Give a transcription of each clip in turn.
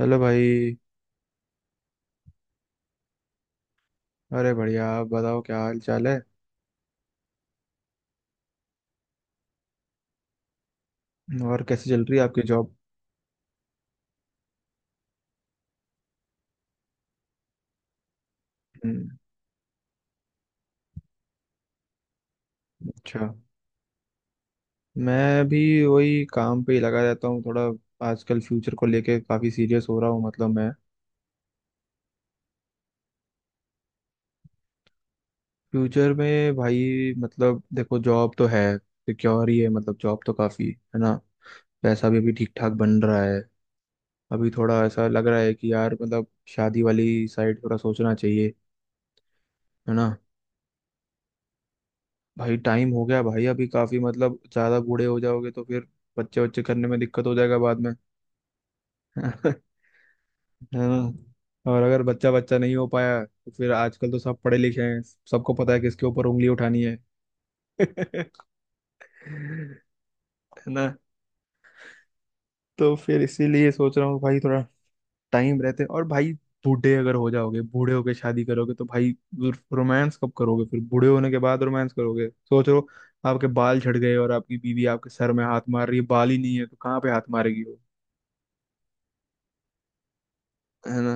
Hello भाई। अरे बढ़िया, आप बताओ क्या हाल चाल है। और कैसे चल रही है आपकी जॉब? हम्म, अच्छा। मैं भी वही काम पे ही लगा रहता हूँ थोड़ा। आजकल फ्यूचर को लेके काफ़ी सीरियस हो रहा हूँ मतलब मैं। फ्यूचर में भाई मतलब देखो, जॉब तो है, सिक्योर ही है, मतलब जॉब तो काफ़ी है ना। पैसा भी अभी ठीक ठाक बन रहा है। अभी थोड़ा ऐसा लग रहा है कि यार मतलब शादी वाली साइड थोड़ा सोचना चाहिए। है ना। भाई टाइम हो गया भाई, अभी काफी मतलब ज्यादा बूढ़े हो जाओगे तो फिर बच्चे बच्चे करने में दिक्कत हो जाएगा बाद में। है ना। और अगर बच्चा बच्चा नहीं हो पाया तो फिर आजकल तो सब पढ़े लिखे हैं, सबको पता है किसके ऊपर उंगली उठानी है। है ना। तो फिर इसीलिए सोच रहा हूँ भाई थोड़ा टाइम रहते। और भाई बूढ़े अगर हो जाओगे, बूढ़े होके शादी करोगे तो भाई रोमांस कब करोगे? फिर बूढ़े होने के बाद रोमांस करोगे, सोच लो। आपके बाल झड़ गए और आपकी बीवी आपके सर में हाथ मार रही है, बाल ही नहीं है तो कहाँ पे हाथ मारेगी। है ना।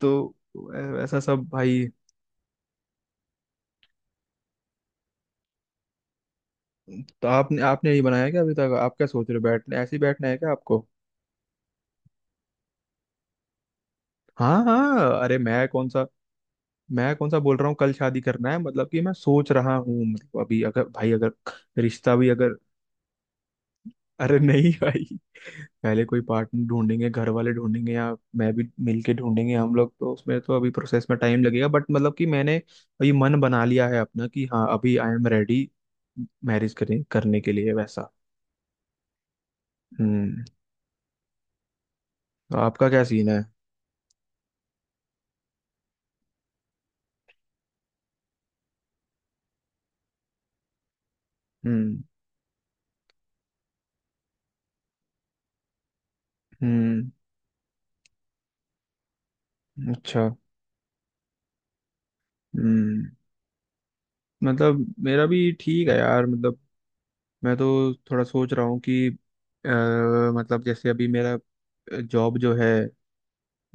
तो ऐसा सब भाई। तो आपने आपने नहीं बनाया क्या अभी तक? आप क्या सोच रहे हो? बैठने, ऐसे ही बैठना है क्या आपको? हाँ हाँ, अरे मैं कौन सा बोल रहा हूँ कल शादी करना है। मतलब कि मैं सोच रहा हूँ, मतलब अभी अगर भाई अगर रिश्ता भी अगर, अरे नहीं भाई, पहले कोई पार्टनर ढूंढेंगे, घर वाले ढूंढेंगे या मैं भी मिलके ढूंढेंगे हम लोग, तो उसमें तो अभी प्रोसेस में टाइम लगेगा। बट मतलब कि मैंने अभी मन बना लिया है अपना कि हाँ, अभी आई एम रेडी मैरिज करने करने के लिए वैसा। हम्म। आपका क्या सीन है? हम्म। हम्म। अच्छा। हम्म। मतलब मेरा भी ठीक है यार, मतलब मैं तो थोड़ा सोच रहा हूँ कि मतलब जैसे अभी मेरा जॉब जो है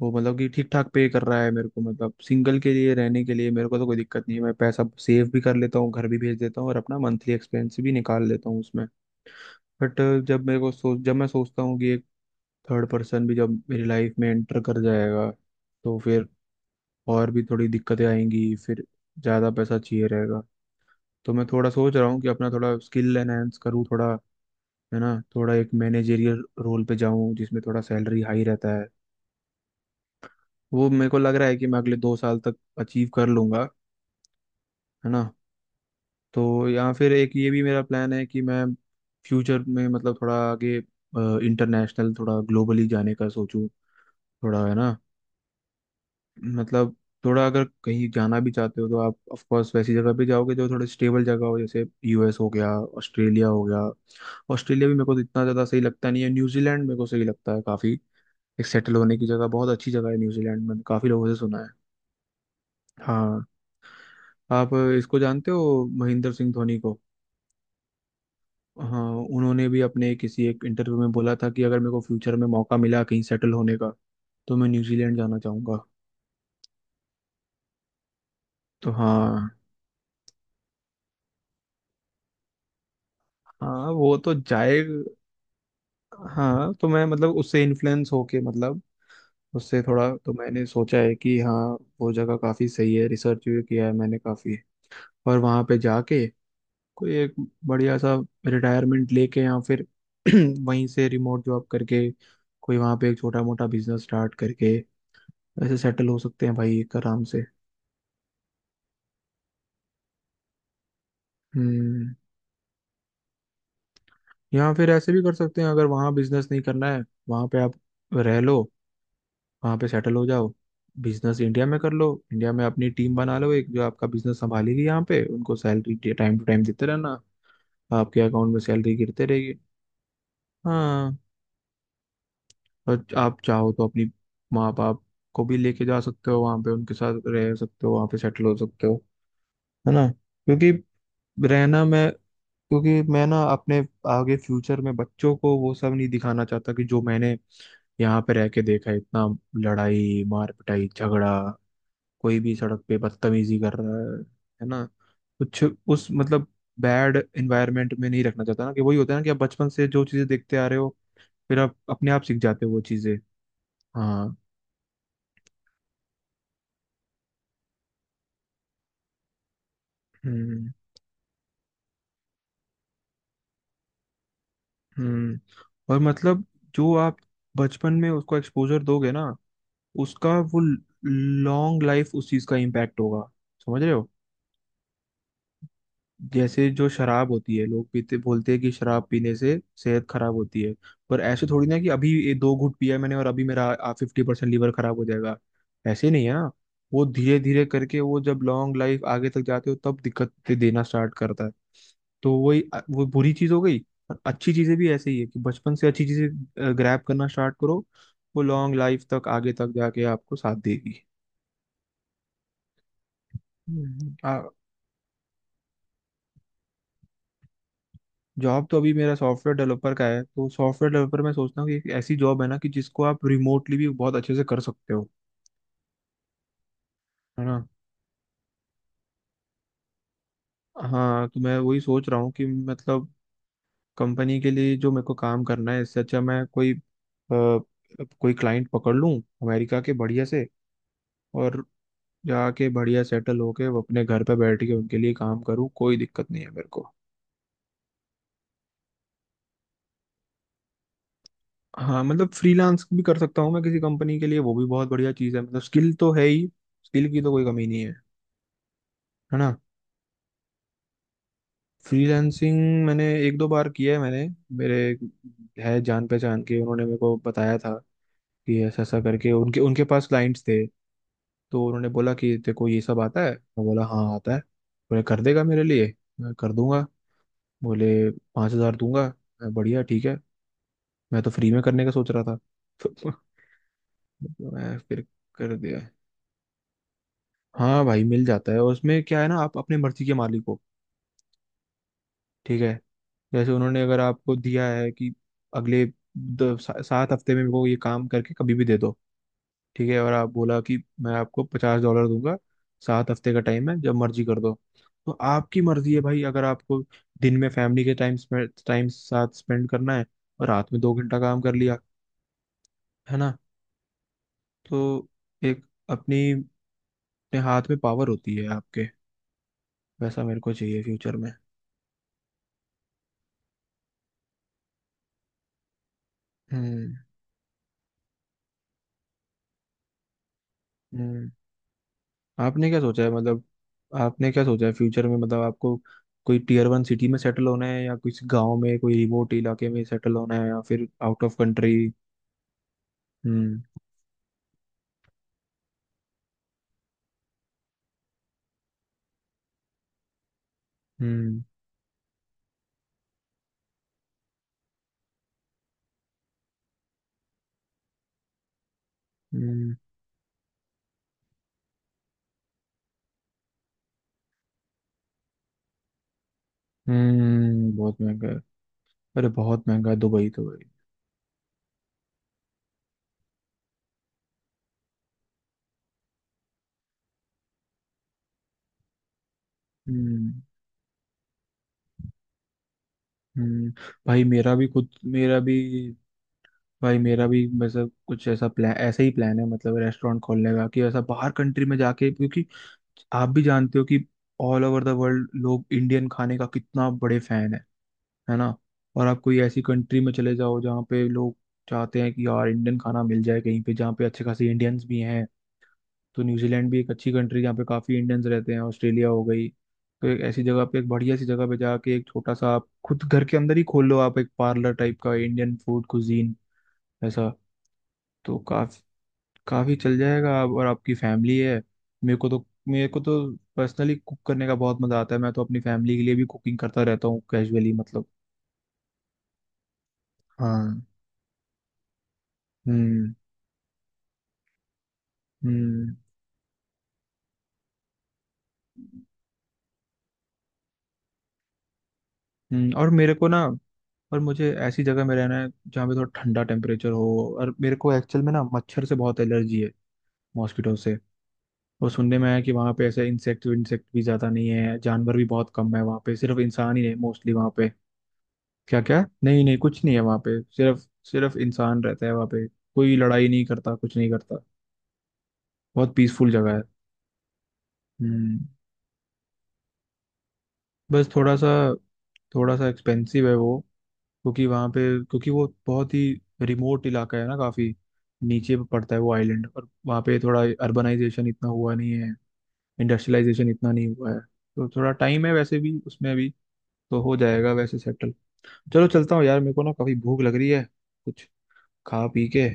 वो मतलब कि ठीक ठाक पे कर रहा है मेरे को। मतलब सिंगल के लिए रहने के लिए मेरे को तो कोई दिक्कत नहीं है, मैं पैसा सेव भी कर लेता हूँ, घर भी भेज देता हूँ और अपना मंथली एक्सपेंस भी निकाल लेता हूँ उसमें। बट जब मैं सोचता हूँ कि एक थर्ड पर्सन भी जब मेरी लाइफ में एंटर कर जाएगा तो फिर और भी थोड़ी दिक्कतें आएंगी फिर, ज़्यादा पैसा चाहिए रहेगा। तो मैं थोड़ा सोच रहा हूँ कि अपना थोड़ा स्किल एनहेंस करूँ थोड़ा, है ना, थोड़ा एक मैनेजेरियल रोल पे जाऊँ जिसमें थोड़ा सैलरी हाई रहता है। वो मेरे को लग रहा है कि मैं अगले 2 साल तक अचीव कर लूँगा। है ना। तो या फिर एक ये भी मेरा प्लान है कि मैं फ्यूचर में मतलब थोड़ा आगे इंटरनेशनल, थोड़ा ग्लोबली जाने का सोचूं थोड़ा, है ना, मतलब थोड़ा अगर कहीं जाना भी चाहते हो तो आप ऑफ कोर्स वैसी जगह पे जाओगे जो थोड़ी स्टेबल जगह हो, जैसे यूएस हो गया, ऑस्ट्रेलिया हो गया। ऑस्ट्रेलिया भी मेरे को इतना ज़्यादा सही लगता नहीं है। न्यूजीलैंड मेरे को सही लगता है काफ़ी, एक सेटल होने की जगह, बहुत अच्छी जगह है न्यूजीलैंड, मैंने काफ़ी लोगों से सुना है। हाँ। आप इसको जानते हो, महेंद्र सिंह धोनी को? हाँ। उन्होंने भी अपने किसी एक इंटरव्यू में बोला था कि अगर मेरे को फ्यूचर में मौका मिला कहीं सेटल होने का तो मैं न्यूजीलैंड जाना चाहूँगा। तो हाँ। हाँ वो तो जाए। हाँ तो मैं मतलब उससे इन्फ्लुएंस होके मतलब, उससे थोड़ा तो मैंने सोचा है कि हाँ वो जगह काफ़ी सही है। रिसर्च भी किया है मैंने काफ़ी। और वहाँ पे जाके कोई एक बढ़िया सा रिटायरमेंट लेके या फिर वहीं से रिमोट जॉब करके कोई वहाँ पे एक छोटा मोटा बिजनेस स्टार्ट करके ऐसे सेटल हो सकते हैं भाई एक आराम से। हम्म। या फिर ऐसे भी कर सकते हैं, अगर वहाँ बिजनेस नहीं करना है, वहाँ पे आप रह लो, वहां पे सेटल हो जाओ, बिजनेस इंडिया में कर लो, इंडिया में अपनी टीम बना लो एक जो आपका बिजनेस संभालेगी यहाँ पे, उनको सैलरी टाइम टू टाइम देते रहना, आपके अकाउंट में सैलरी गिरते रहेगी। हाँ। और आप चाहो तो अपनी माँ बाप को भी लेके जा सकते हो वहाँ पे, उनके साथ रह सकते हो, वहाँ पे सेटल हो सकते हो। है ना, रहना मैं क्योंकि मैं ना अपने आगे फ्यूचर में बच्चों को वो सब नहीं दिखाना चाहता कि जो मैंने यहाँ पे रह के देखा है, इतना लड़ाई मार पिटाई झगड़ा, कोई भी सड़क पे बदतमीजी कर रहा है। है ना। कुछ उस मतलब बैड एनवायरनमेंट में नहीं रखना चाहता ना, कि वही होता है ना कि आप बचपन से जो चीजें देखते आ रहे हो फिर आप अपने आप सीख जाते हो वो चीजें। हाँ। हम्म। हम्म। और मतलब जो आप बचपन में उसको एक्सपोजर दोगे ना, उसका वो लॉन्ग लाइफ उस चीज का इम्पैक्ट होगा। समझ रहे हो। जैसे जो शराब होती है, लोग पीते बोलते हैं कि शराब पीने से सेहत खराब होती है, पर ऐसे थोड़ी ना कि अभी ये 2 घूंट पिया है मैंने और अभी मेरा 50% लीवर खराब हो जाएगा। ऐसे नहीं है ना। वो धीरे धीरे करके वो जब लॉन्ग लाइफ आगे तक जाते हो तब दिक्कत देना स्टार्ट करता है। तो वही वो बुरी चीज हो गई। और अच्छी चीजें भी ऐसे ही है कि बचपन से अच्छी चीजें ग्रैब करना स्टार्ट करो, वो लॉन्ग लाइफ तक आगे तक जाके आपको साथ देगी। जॉब तो अभी मेरा सॉफ्टवेयर डेवलपर का है, तो सॉफ्टवेयर डेवलपर मैं सोचता हूँ कि एक ऐसी जॉब है ना कि जिसको आप रिमोटली भी बहुत अच्छे से कर सकते हो। है ना। हाँ तो मैं वही सोच रहा हूँ कि मतलब कंपनी के लिए जो मेरे को काम करना है, इससे अच्छा मैं कोई कोई क्लाइंट पकड़ लूँ अमेरिका के बढ़िया से, और जाके बढ़िया सेटल होके वो अपने घर पे बैठ के उनके लिए काम करूँ, कोई दिक्कत नहीं है मेरे को। हाँ, मतलब फ्रीलांस भी कर सकता हूँ मैं किसी कंपनी के लिए, वो भी बहुत बढ़िया चीज़ है, मतलब स्किल तो है ही, स्किल की तो कोई कमी नहीं है। है ना। फ्रीलांसिंग मैंने एक दो बार किया है मैंने, मेरे है जान पहचान के, उन्होंने मेरे को बताया था कि ऐसा ऐसा करके उनके उनके पास क्लाइंट्स थे। तो उन्होंने बोला कि तेरे को ये सब आता है, मैं बोला हाँ आता है, बोले कर देगा मेरे लिए, मैं कर दूंगा। बोले, 5,000 दूंगा। मैं बढ़िया ठीक है, मैं तो फ्री में करने का सोच रहा था। तो मैं फिर कर दिया। हाँ भाई, मिल जाता है, और उसमें क्या है ना, आप अपनी मर्जी के मालिक हो। ठीक है। जैसे उन्होंने अगर आपको दिया है कि अगले 7 हफ्ते में मेरे को ये काम करके कभी भी दे दो, ठीक है, और आप बोला कि मैं आपको $50 दूंगा, सात हफ्ते का टाइम है, जब मर्जी कर दो। तो आपकी मर्जी है भाई, अगर आपको दिन में फैमिली के टाइम टाइम साथ स्पेंड करना है, और रात में 2 घंटा काम कर लिया, है ना। तो एक अपनी अपने हाथ में पावर होती है आपके। वैसा मेरे को चाहिए फ्यूचर में। हम्म। हम्म। आपने क्या सोचा है मतलब आपने क्या सोचा है फ्यूचर में, मतलब आपको कोई टीयर वन सिटी में सेटल होना है या किसी गांव में कोई रिमोट इलाके में सेटल होना है या फिर आउट ऑफ कंट्री? हम्म। हम्म। हम्म। हम्म। बहुत महंगा है। अरे बहुत महंगा है दुबई तो भाई। हम्म। हम्म। भाई मेरा भी खुद मेरा भी भाई मेरा भी मतलब कुछ ऐसा प्लान ऐसा ही प्लान है, मतलब रेस्टोरेंट खोलने का, कि ऐसा बाहर कंट्री में जाके, क्योंकि आप भी जानते हो कि ऑल ओवर द वर्ल्ड लोग इंडियन खाने का कितना बड़े फैन है। है ना। और आप कोई ऐसी कंट्री में चले जाओ जहाँ पे लोग चाहते हैं कि यार इंडियन खाना मिल जाए कहीं पे, जहाँ पे अच्छे खासे इंडियंस भी हैं। तो न्यूजीलैंड भी एक अच्छी कंट्री, जहाँ पे काफ़ी इंडियंस रहते हैं, ऑस्ट्रेलिया हो गई। तो एक ऐसी जगह पे, एक बढ़िया सी जगह पे जाके एक छोटा सा आप खुद घर के अंदर ही खोल लो आप, एक पार्लर टाइप का इंडियन फूड कुजीन ऐसा। तो काफ़ी काफ़ी चल जाएगा। आप और आपकी फैमिली है। मेरे को तो पर्सनली कुक करने का बहुत मज़ा आता है, मैं तो अपनी फैमिली के लिए भी कुकिंग करता रहता हूँ कैजुअली मतलब। हाँ। हम्म। हम्म। और मेरे को ना, और मुझे ऐसी जगह में रहना है जहाँ पे थोड़ा ठंडा टेम्परेचर हो। और मेरे को एक्चुअल में ना मच्छर से बहुत एलर्जी है, मॉस्किटो से। और सुनने में आया है कि वहाँ पे ऐसे इंसेक्ट इंसेक्ट भी ज़्यादा नहीं है, जानवर भी बहुत कम है वहाँ पे, सिर्फ इंसान ही है मोस्टली वहाँ पे। क्या क्या नहीं नहीं, कुछ नहीं है वहाँ पे, सिर्फ सिर्फ इंसान रहता है वहाँ पे, कोई लड़ाई नहीं करता, कुछ नहीं करता, बहुत पीसफुल जगह है। हम्म। बस थोड़ा सा एक्सपेंसिव है वो, क्योंकि वहाँ पे क्योंकि वो बहुत ही रिमोट इलाका है ना, काफी नीचे पे पड़ता है वो आइलैंड, और वहाँ पे थोड़ा अर्बनाइजेशन इतना हुआ नहीं है, इंडस्ट्रियलाइजेशन इतना नहीं हुआ है, तो थोड़ा टाइम है वैसे भी उसमें भी। तो हो जाएगा वैसे सेटल। चलो चलता हूँ यार, मेरे को ना काफी भूख लग रही है, कुछ खा पी के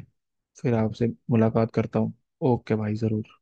फिर आपसे मुलाकात करता हूँ। ओके भाई जरूर।